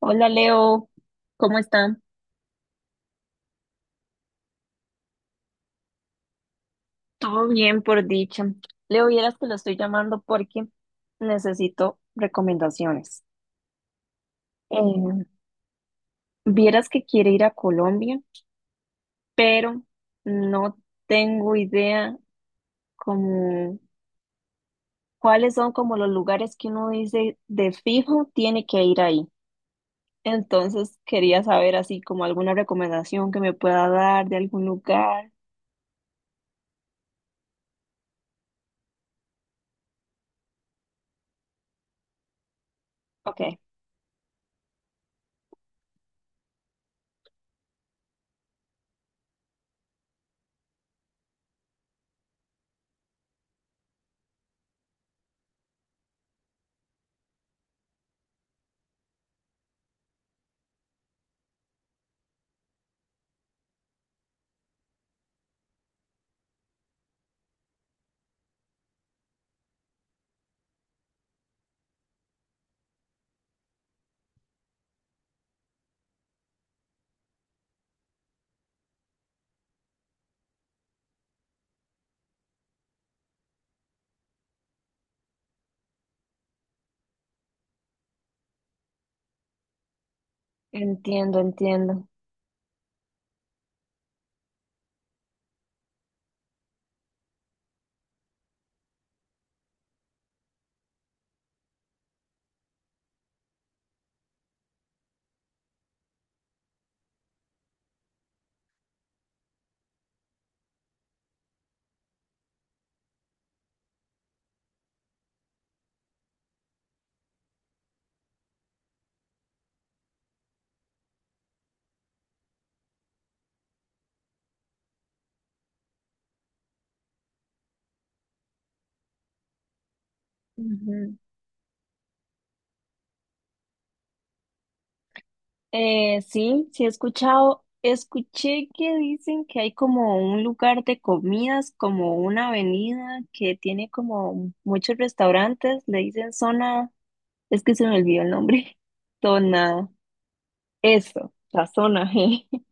Hola Leo, ¿cómo están? Todo bien por dicha. Leo, vieras que lo estoy llamando porque necesito recomendaciones. Eh, Vieras que quiere ir a Colombia, pero no tengo idea como cuáles son como los lugares que uno dice de fijo tiene que ir ahí. Entonces quería saber así como alguna recomendación que me pueda dar de algún lugar. Ok, entiendo, entiendo. Ujú. Sí, sí he escuchado, escuché que dicen que hay como un lugar de comidas, como una avenida que tiene como muchos restaurantes, le dicen zona, es que se me olvidó el nombre, zona, eso, la zona G,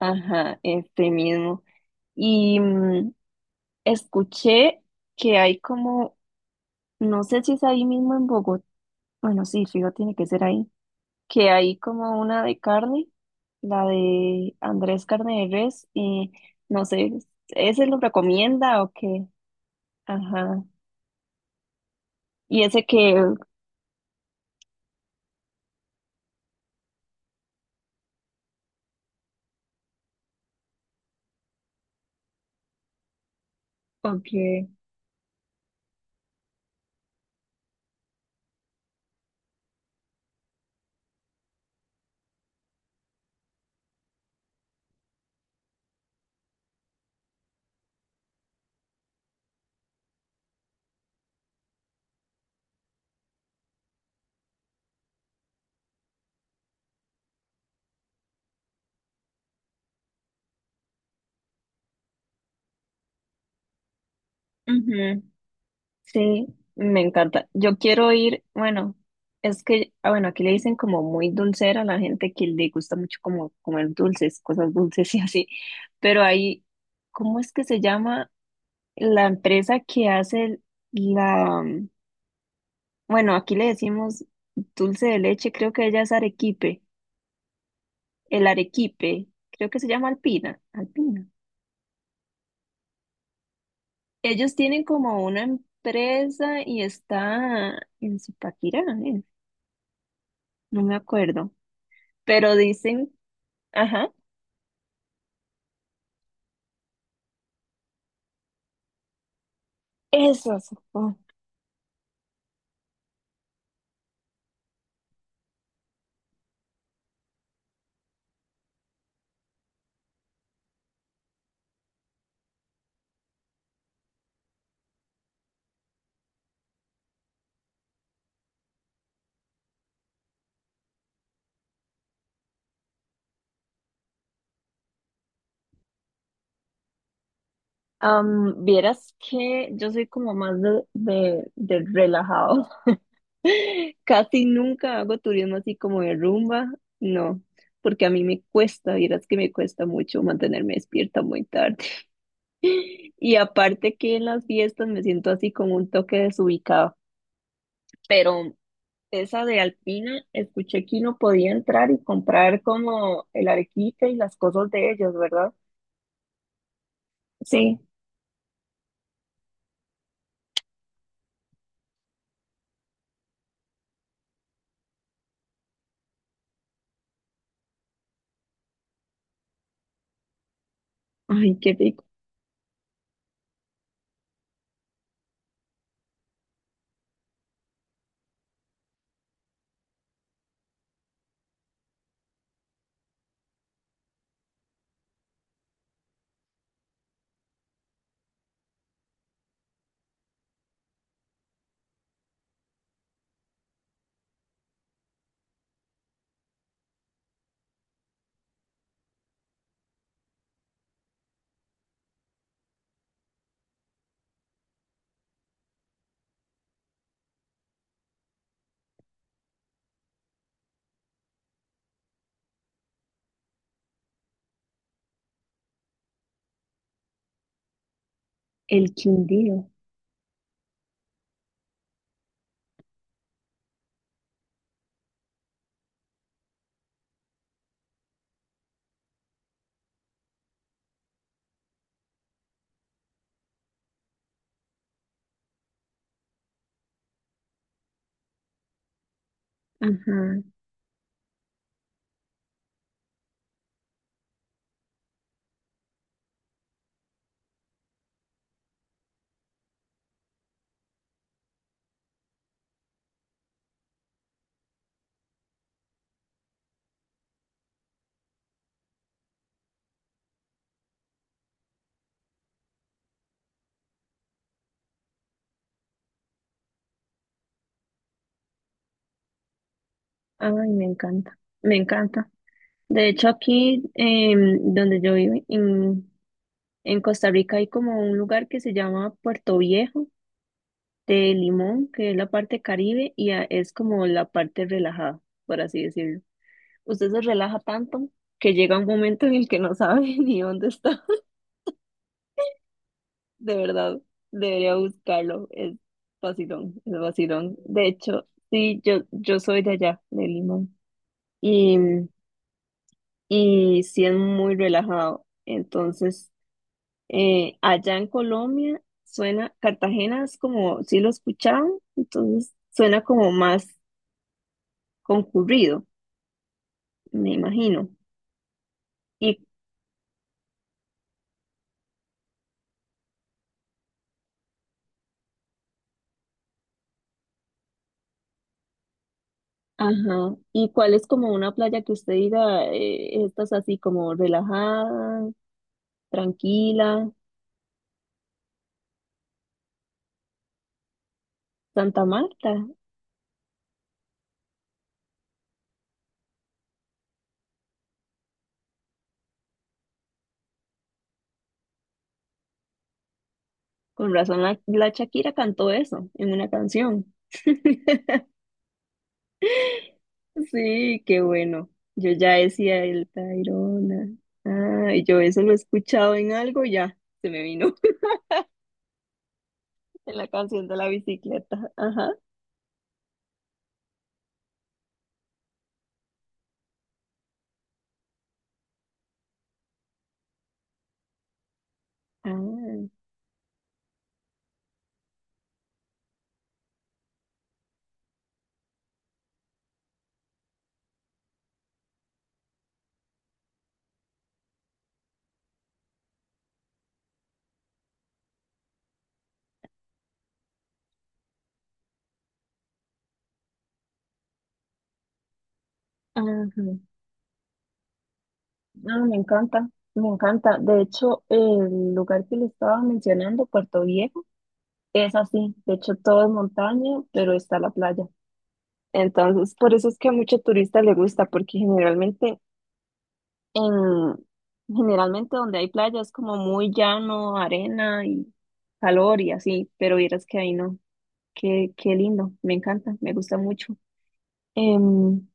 ajá, este mismo. Y escuché que hay como, no sé si es ahí mismo en Bogotá, bueno, sí, fijo, tiene que ser ahí que hay como una de carne, la de Andrés Carne de Res, y no sé, ¿ese lo recomienda o qué? Ajá. Y ese que, o que, ujú, sí, me encanta. Yo quiero ir, bueno, es que, ah, bueno, aquí le dicen como muy dulcera a la gente que le gusta mucho como comer dulces, cosas dulces y así, pero ahí, ¿cómo es que se llama la empresa que hace la... Bueno, aquí le decimos dulce de leche, creo que ella es arequipe, el arequipe, creo que se llama Alpina, Alpina. Ellos tienen como una empresa y está en Zipaquirá, ¿eh? No me acuerdo, pero dicen, ajá, eso, eso. Oh, am, vieras que yo soy como más de relajado. Casi nunca hago turismo así como de rumba, no, porque a mí me cuesta, vieras que me cuesta mucho mantenerme despierta muy tarde. Y aparte que en las fiestas me siento así como un toque desubicado. Pero esa de Alpina, escuché que uno podía entrar y comprar como el arequipe y las cosas de ellos, ¿verdad? Sí. Ay, qué rico. El Quindío. Ajá. Ay, me encanta. Me encanta. De hecho, aquí donde yo vivo, en Costa Rica, hay como un lugar que se llama Puerto Viejo de Limón, que es la parte Caribe, y a- es como la parte relajada, por así decirlo. Usted se relaja tanto que llega un momento en el que no sabe ni dónde está. De verdad, debería buscarlo. Es vacilón, es vacilón. De hecho, sí, yo soy de allá, de Limón, y, y sí es muy relajado. Entonces, allá en Colombia suena, Cartagena es como, sí lo escuchaban, entonces suena como más concurrido me imagino. Y, ajá, ¿y cuál es como una playa que usted diga, esta es así como relajada, tranquila? Santa Marta. Con razón la, la Shakira cantó eso en una canción. Sí, qué bueno. Yo ya decía el Tayrona. Ah, y yo eso lo he escuchado en algo, y ya se me vino en la canción de la bicicleta. Ajá. Ah, ajá. Ah, me encanta, me encanta. De hecho, el lugar que le estaba mencionando, Puerto Viejo, es así. De hecho, todo es montaña, pero está la playa. Entonces, por eso es que a mucho turista le gusta, porque generalmente en, generalmente donde hay playa es como muy llano, arena y calor y así, pero vieras que ahí no. Qué, qué lindo, me encanta, me gusta mucho. Em,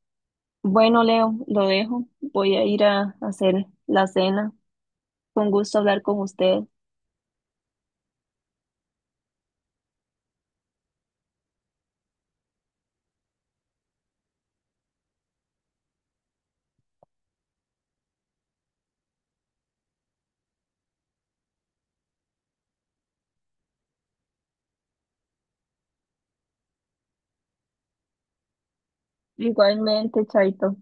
bueno, Leo, lo dejo. Voy a ir a hacer la cena. Fue un gusto hablar con usted. Igualmente, Chaito.